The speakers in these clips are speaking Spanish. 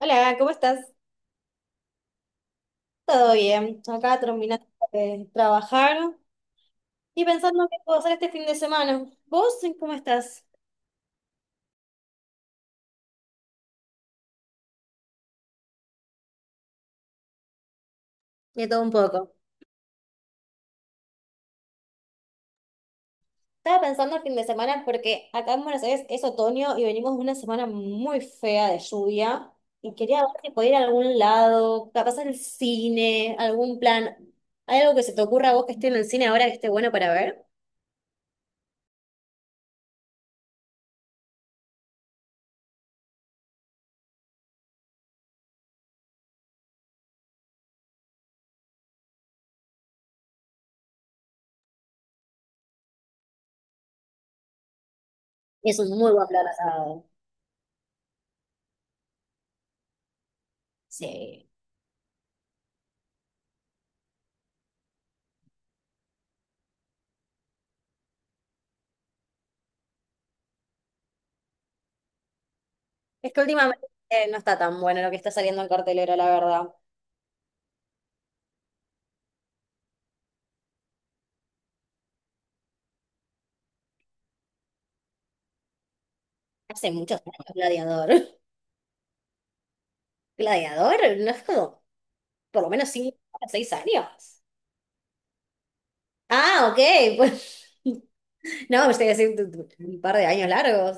Hola, ¿cómo estás? ¿Todo bien? Acá terminando de trabajar y pensando qué puedo hacer este fin de semana. ¿Vos cómo estás? De todo un poco. Estaba pensando el fin de semana porque acá en Buenos Aires es otoño y venimos de una semana muy fea de lluvia y quería ver si podía ir a algún lado, capaz al cine, algún plan. ¿Hay algo que se te ocurra a vos que esté en el cine ahora que esté bueno para ver? Es un muy buen plan asado. Sí. Es que últimamente no está tan bueno lo que está saliendo en cartelera, la verdad. Hace muchos años, Gladiador. Gladiador, no es como, por lo menos 5 o 6 años. Ah, ok, pues. No, me estoy diciendo un par de años largos.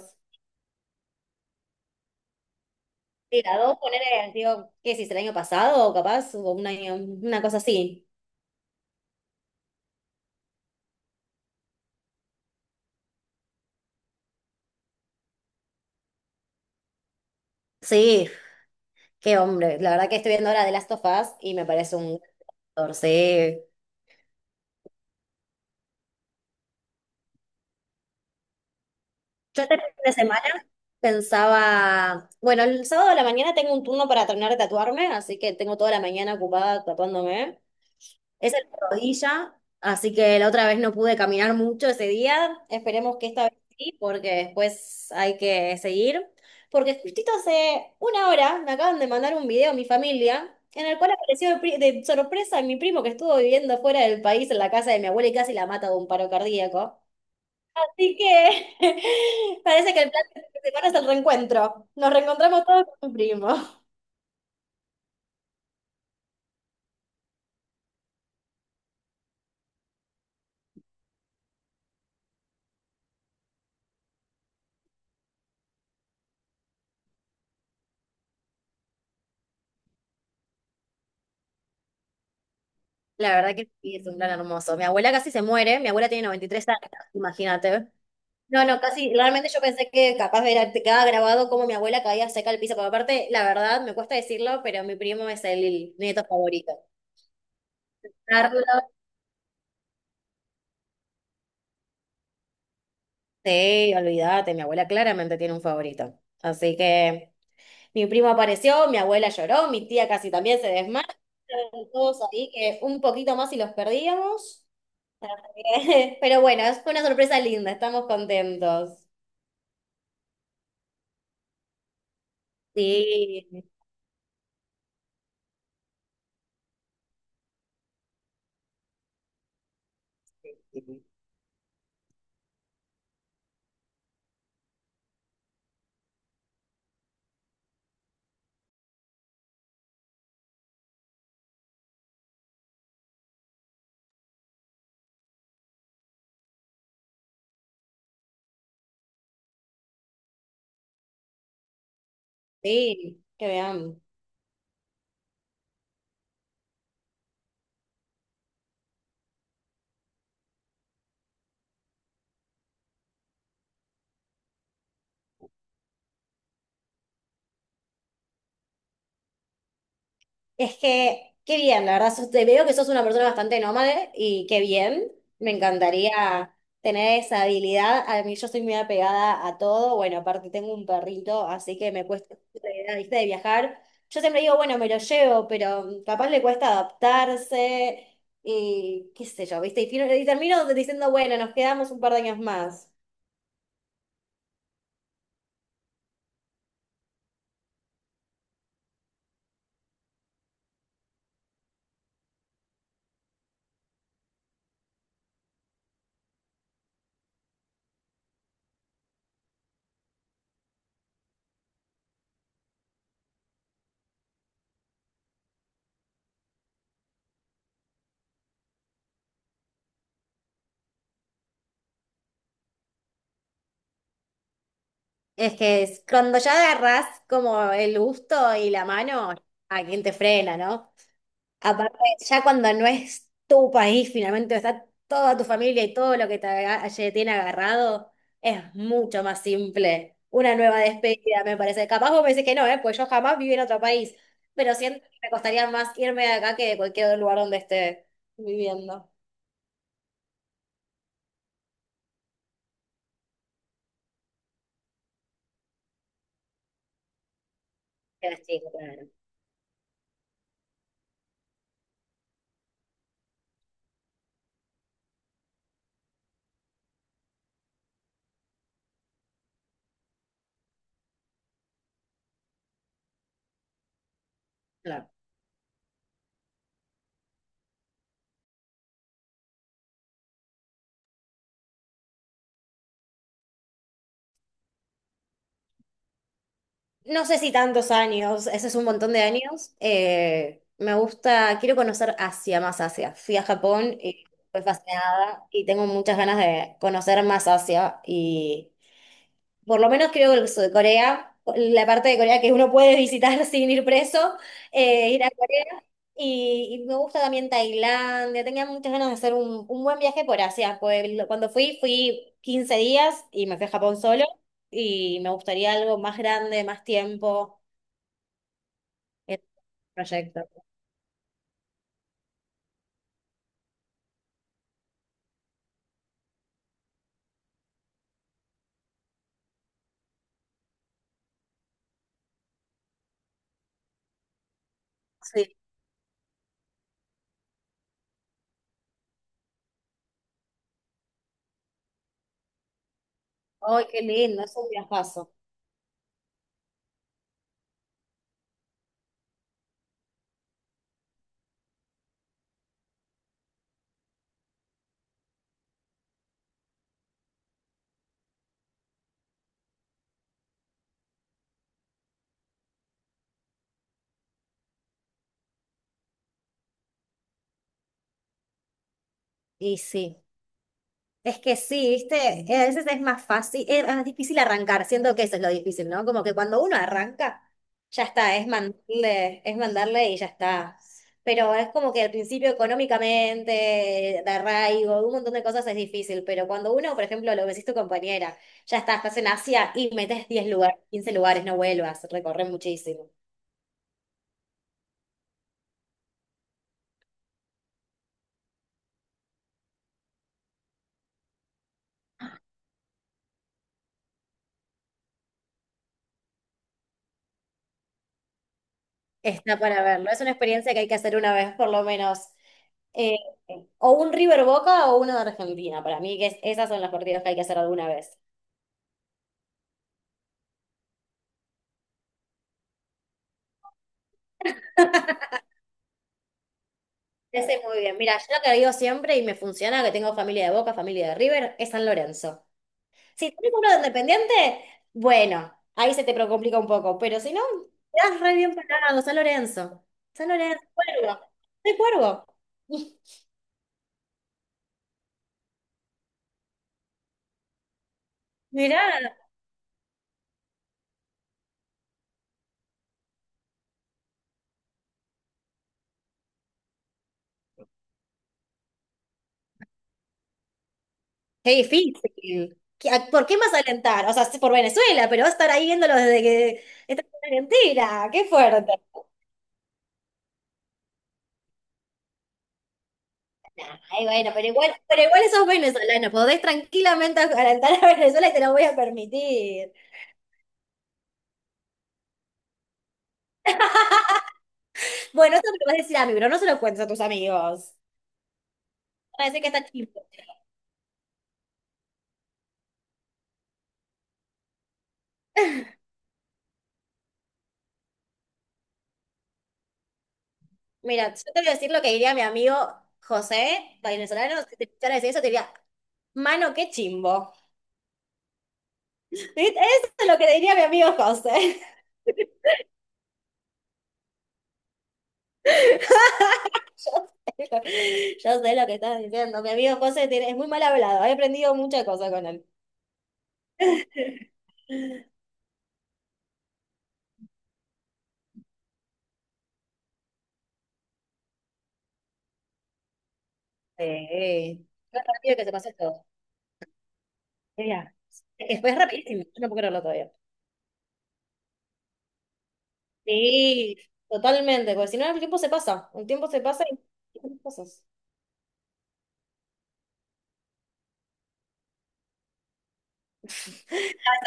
Sí, la dos, poner, digo, ¿qué es el año pasado? O capaz, o un año, una cosa así. Sí, qué hombre. La verdad que estoy viendo ahora The Last of Us y me parece un Gladiador, sí. Yo este fin de semana pensaba, bueno, el sábado de la mañana tengo un turno para terminar de tatuarme, así que tengo toda la mañana ocupada tatuándome. Es el de rodilla, así que la otra vez no pude caminar mucho ese día. Esperemos que esta vez sí, porque después hay que seguir. Porque justito hace una hora me acaban de mandar un video a mi familia en el cual apareció de sorpresa mi primo que estuvo viviendo fuera del país en la casa de mi abuela y casi la mata de un paro cardíaco. Así que parece que el plan de esta semana es el reencuentro. Nos reencontramos todos con mi primo. La verdad que sí, es un plan hermoso. Mi abuela casi se muere, mi abuela tiene 93 años, imagínate. No, no, casi, realmente yo pensé que capaz era, te quedaba grabado como mi abuela caía seca al piso, porque aparte, la verdad, me cuesta decirlo, pero mi primo es el nieto favorito. Carlos, sí, olvídate, mi abuela claramente tiene un favorito. Así que mi primo apareció, mi abuela lloró, mi tía casi también se desmayó, estaban todos ahí que un poquito más y los perdíamos. Pero bueno, fue una sorpresa linda, estamos contentos. Sí, sí, que vean. Es que, qué bien, la verdad, te veo que sos una persona bastante nómade y qué bien, me encantaría tener esa habilidad. A mí yo soy muy apegada a todo, bueno, aparte tengo un perrito, así que me cuesta la idea, ¿viste? De viajar. Yo siempre digo, bueno, me lo llevo, pero capaz le cuesta adaptarse y qué sé yo, ¿viste? Y termino diciendo, bueno, nos quedamos un par de años más. Es que cuando ya agarrás como el gusto y la mano, a quien te frena, ¿no? Aparte, ya cuando no es tu país, finalmente está toda tu familia y todo lo que te tiene agarrado, es mucho más simple. Una nueva despedida, me parece. Capaz vos me decís que no, ¿eh? Pues yo jamás viví en otro país, pero siento que me costaría más irme de acá que de cualquier lugar donde esté viviendo. Pero sí, claro. Claro. No sé si tantos años, ese es un montón de años. Me gusta, quiero conocer Asia, más Asia. Fui a Japón y fue fascinada y tengo muchas ganas de conocer más Asia y por lo menos creo que el sur de Corea, la parte de Corea que uno puede visitar sin ir preso, ir a Corea. Y me gusta también Tailandia, tenía muchas ganas de hacer un, buen viaje por Asia. Pues, cuando fui, fui 15 días y me fui a Japón solo y me gustaría algo más grande, más tiempo el proyecto. Sí. Ay, qué lindo, es un viajazo. Y sí. Es que sí, viste, a veces es más fácil, es más difícil arrancar, siento que eso es lo difícil, ¿no? Como que cuando uno arranca, ya está, es mandarle y ya está. Pero es como que al principio económicamente, de arraigo, un montón de cosas es difícil, pero cuando uno, por ejemplo, lo que decís tu compañera, ya está estás en Asia y metes 10 lugares, 15 lugares, no vuelvas, recorres muchísimo. Está para verlo. Es una experiencia que hay que hacer una vez, por lo menos. Eh, o un River Boca o uno de Argentina. Para mí, que esas son las partidas que hay que hacer alguna vez. Te sé muy bien. Mira, yo lo que digo siempre y me funciona, que tengo familia de Boca, familia de River, es San Lorenzo. Si tenés uno de Independiente, bueno, ahí se te complica un poco. Pero si no, te das re bien parado, San Lorenzo. San Lorenzo, Cuervo. Soy Cuervo. Mirá. Qué difícil. ¿Por qué más alentar? O sea, sí, por Venezuela, pero va a estar ahí viéndolo desde que esta semana entera. Qué fuerte. Nah, ay, bueno, pero igual sos venezolano. Podés tranquilamente alentar a Venezuela y te lo voy a permitir. Bueno, eso me lo vas a decir a mí, pero no se lo cuentes a tus amigos. Van a decir que está chido. Mira, yo te voy a decir lo que diría mi amigo José, venezolano. Si te escuchara decir eso, te diría, mano, qué chimbo. ¿Viste? Eso es lo que diría mi amigo José. Yo sé lo yo sé lo que estás diciendo. Mi amigo José es muy mal hablado. He aprendido muchas cosas con él. Sí. Lo rápido que se pasa todo. Mira. Es rapidísimo. Yo no puedo creerlo todavía. Sí, totalmente. Porque si no, el tiempo se pasa. El tiempo se pasa y cosas. Ah,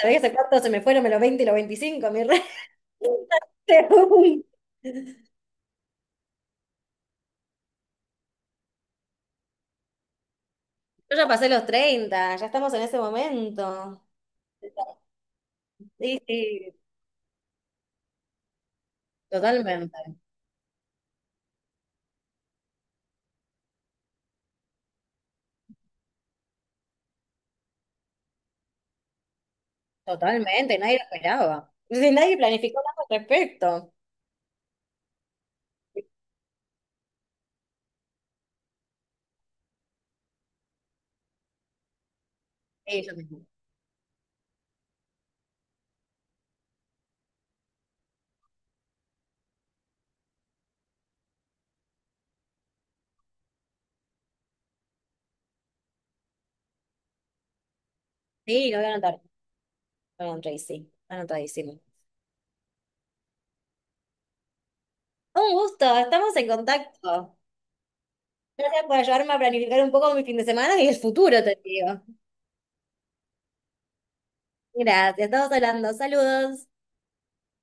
¿Sabés hace cuánto se me fueron los 20, y los 25, mi rey? Según. Yo ya pasé los 30. Ya estamos en ese momento. Sí, sí, totalmente. Totalmente, nadie lo esperaba. Entonces, nadie planificó nada al respecto. Sí, yo mismo. Sí, lo voy a anotar. Lo voy a sí. Anotadísimo. Un gusto, estamos en contacto. Gracias por ayudarme a planificar un poco mi fin de semana y el futuro, te digo. Gracias, estamos hablando. Saludos.